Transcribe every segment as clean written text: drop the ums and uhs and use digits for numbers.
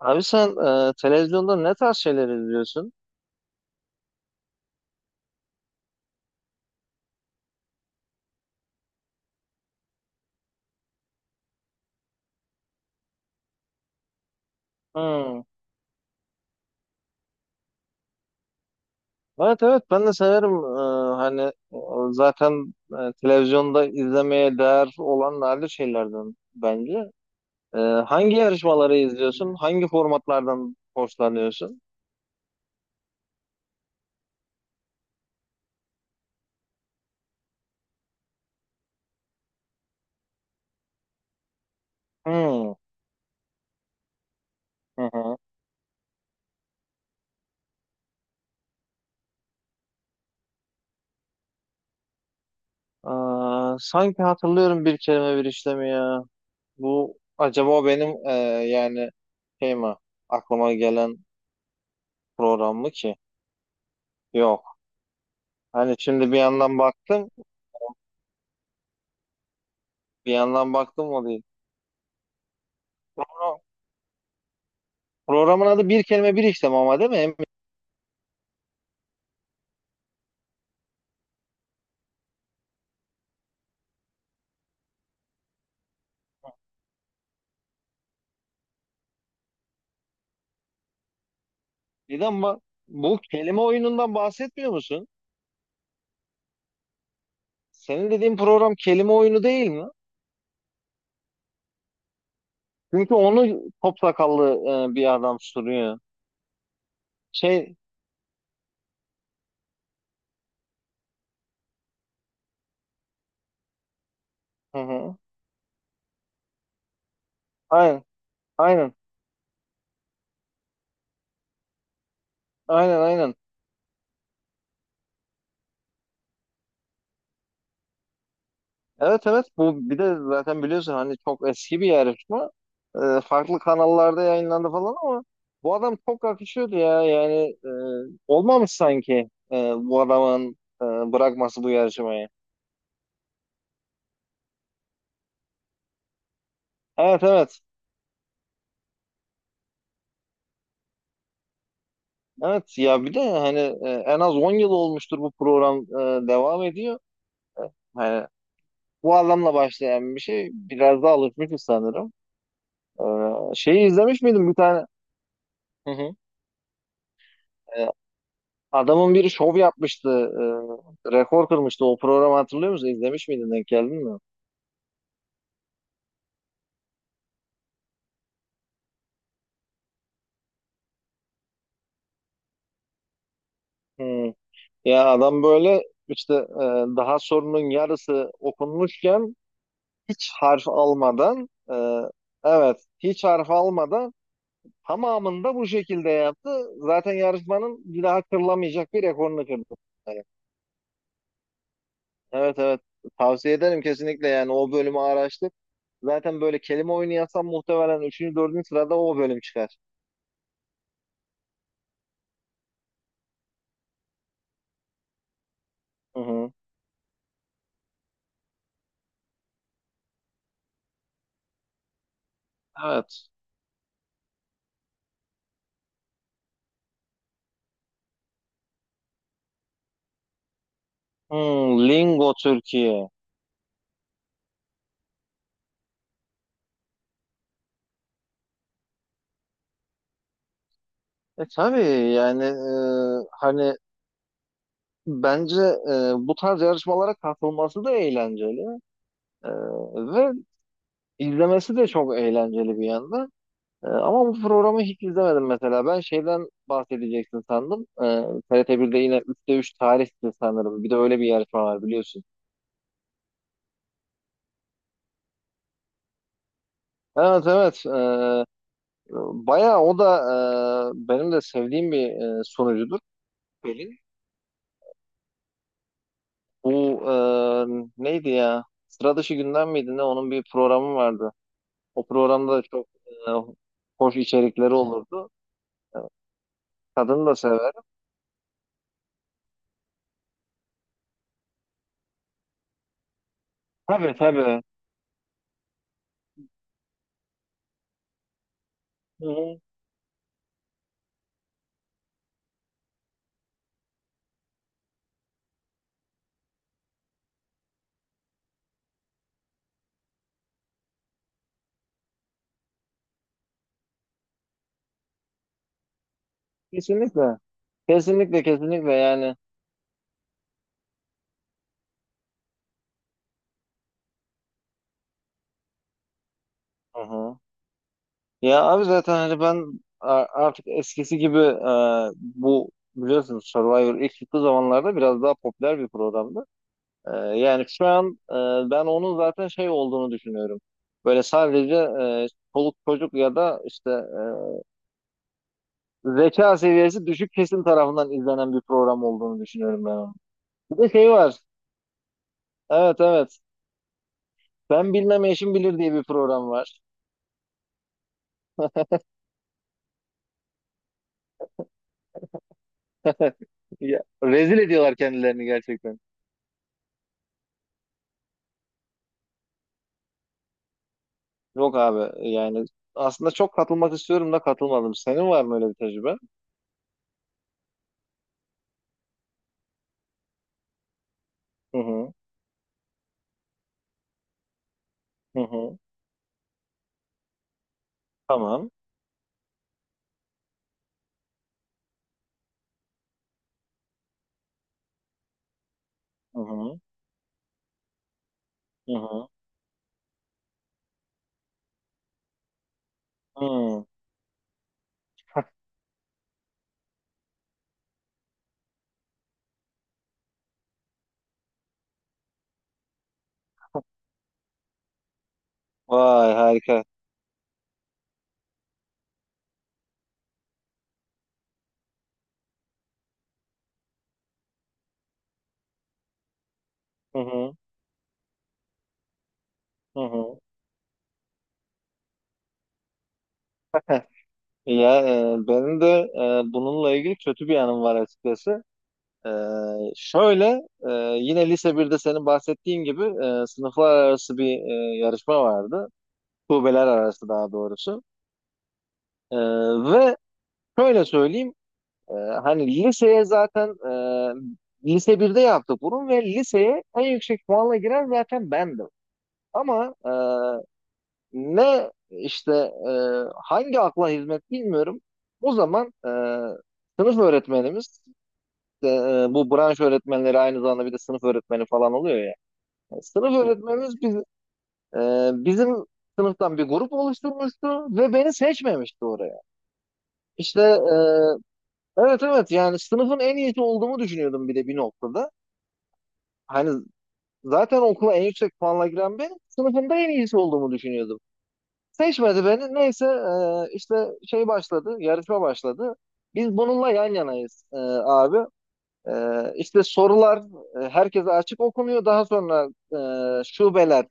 Abi sen, televizyonda ne tarz şeyler izliyorsun? Hmm. Evet evet, ben de severim. Hani, e, zaten televizyonda izlemeye değer olan nadir şeylerden bence. Hangi yarışmaları izliyorsun? Hangi formatlardan hoşlanıyorsun? Hmm. Hı hı. Aa, sanki hatırlıyorum bir kelime bir işlemi ya. Bu acaba o benim yani şey mi, aklıma gelen program mı ki? Yok. Hani şimdi bir yandan baktım. Bir yandan baktım, o değil. Program- Programın adı bir kelime bir işlem ama, değil mi? Emin değil, ama bu kelime oyunundan bahsetmiyor musun? Senin dediğin program kelime oyunu değil mi? Çünkü onu top sakallı bir adam soruyor. Şey, hı hı. Aynen, aynen, aynen, aynen. Evet evet, bu bir de zaten biliyorsun, hani çok eski bir yarışma. Farklı kanallarda yayınlandı falan ama bu adam çok akışıyordu ya. Yani e, olmamış sanki bu adamın bırakması bu yarışmayı. Evet evet. Evet ya, bir de hani en az 10 yıl olmuştur bu program devam ediyor. Hani bu adamla başlayan bir şey, biraz daha alışmışız sanırım. Şeyi izlemiş miydin bir tane? Hı hı. Adamın biri şov yapmıştı, rekor kırmıştı. O programı hatırlıyor musun? İzlemiş miydin? Denk geldin mi? Hmm. Ya adam böyle işte daha sorunun yarısı okunmuşken, hiç harf almadan evet, hiç harf almadan tamamında bu şekilde yaptı. Zaten yarışmanın bir daha kırılamayacak bir rekorunu kırdı. Yani, evet evet, tavsiye ederim kesinlikle, yani o bölümü araştır. Zaten böyle kelime oyunu yazsam, muhtemelen 3. 4. sırada o bölüm çıkar. Hı hı. Evet. Hmm, Lingo Türkiye. Tabii yani, hani bence bu tarz yarışmalara katılması da eğlenceli E, ve izlemesi de çok eğlenceli bir yandan. Ama bu programı hiç izlemedim mesela. Ben şeyden bahsedeceksin sandım. TRT1'de yine 3'te 3 tarihti sanırım. Bir de öyle bir yarışma var biliyorsun. Evet evet. Bayağı o da benim de sevdiğim bir sunucudur. Pelin. Bu neydi ya? Sıra dışı gündem miydi ne? Onun bir programı vardı. O programda da çok e, hoş içerikleri olurdu. Kadın da sever. Tabii tabii. Hı-hı. Kesinlikle. Kesinlikle, kesinlikle yani. Hı-hı. Ya abi, zaten hani ben artık eskisi gibi bu, biliyorsunuz, Survivor ilk çıktığı zamanlarda biraz daha popüler bir programdı. Yani şu an ben onun zaten şey olduğunu düşünüyorum. Böyle sadece çoluk çocuk ya da işte zeka seviyesi düşük kesim tarafından izlenen bir program olduğunu düşünüyorum ben onun. Bir de şey var. Evet evet. Ben bilmem eşim bilir diye bir program var. Ya, rezil ediyorlar kendilerini gerçekten. Yok abi, yani aslında çok katılmak istiyorum da katılmadım. Senin var mı öyle bir tecrübe? Hı hı. Hı hı. Tamam. Hı hı. Hı hı. Hı. Vay, harika. Hı hı. Hı hı. Ya benim de bununla ilgili kötü bir anım var açıkçası. Ee, şöyle e, yine lise birde, senin bahsettiğin gibi, sınıflar arası bir yarışma vardı. Kulübeler arası daha doğrusu. E, ve şöyle söyleyeyim, hani liseye zaten lise birde yaptık bunu ve liseye en yüksek puanla giren zaten bendim. Ama ne işte, e, hangi akla hizmet bilmiyorum. O zaman sınıf öğretmenimiz, e, bu branş öğretmenleri aynı zamanda bir de sınıf öğretmeni falan oluyor ya. Sınıf öğretmenimiz bizim sınıftan bir grup oluşturmuştu ve beni seçmemişti oraya. İşte evet evet, yani sınıfın en iyisi olduğumu düşünüyordum bir de bir noktada. Hani zaten okula en yüksek puanla giren ben, sınıfında en iyisi olduğumu düşünüyordum. Seçmedi beni. Neyse işte şey başladı, yarışma başladı. Biz bununla yan yanayız, abi. E, işte sorular herkese açık okunuyor. Daha sonra şubeler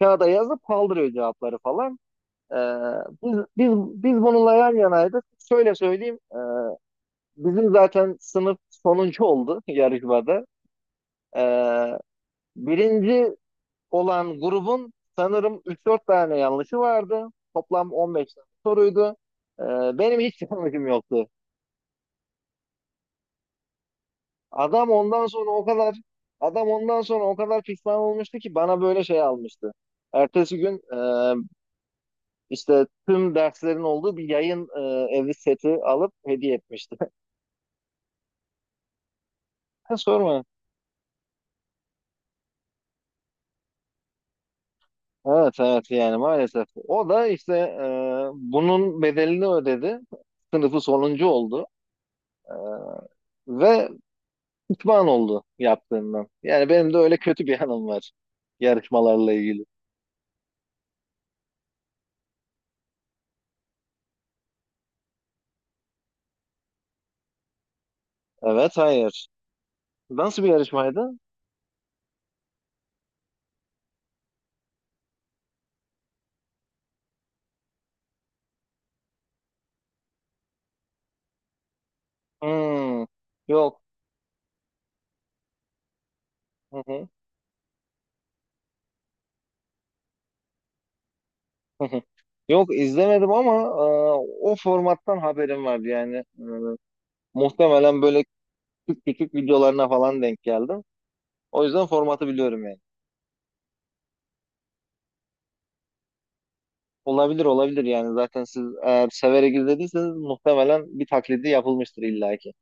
kağıda yazıp kaldırıyor cevapları falan. Ee, biz, biz, biz bununla yan yanaydık. Şöyle söyleyeyim. Bizim zaten sınıf sonuncu oldu yarışmada. Ee, birinci olan grubun sanırım üç dört tane yanlışı vardı. Toplam 15 tane soruydu. Ee, benim hiç yanlışım yoktu. Adam ondan sonra o kadar adam ondan sonra o kadar pişman olmuştu ki, bana böyle şey almıştı. Ertesi gün işte tüm derslerin olduğu bir yayın evi seti alıp hediye etmişti. Sorma. Evet evet, yani maalesef. O da işte bunun bedelini ödedi. Sınıfı sonuncu oldu ve pişman oldu yaptığından. Yani benim de öyle kötü bir anım var yarışmalarla ilgili. Evet hayır. Nasıl bir yarışmaydı? Hmm, yok. Hı hı, hı hı. Yok izlemedim ama o formattan haberim vardı yani. Muhtemelen böyle küçük küçük videolarına falan denk geldim. O yüzden formatı biliyorum. Olabilir olabilir, yani zaten siz eğer severek izlediyseniz muhtemelen bir taklidi yapılmıştır illaki.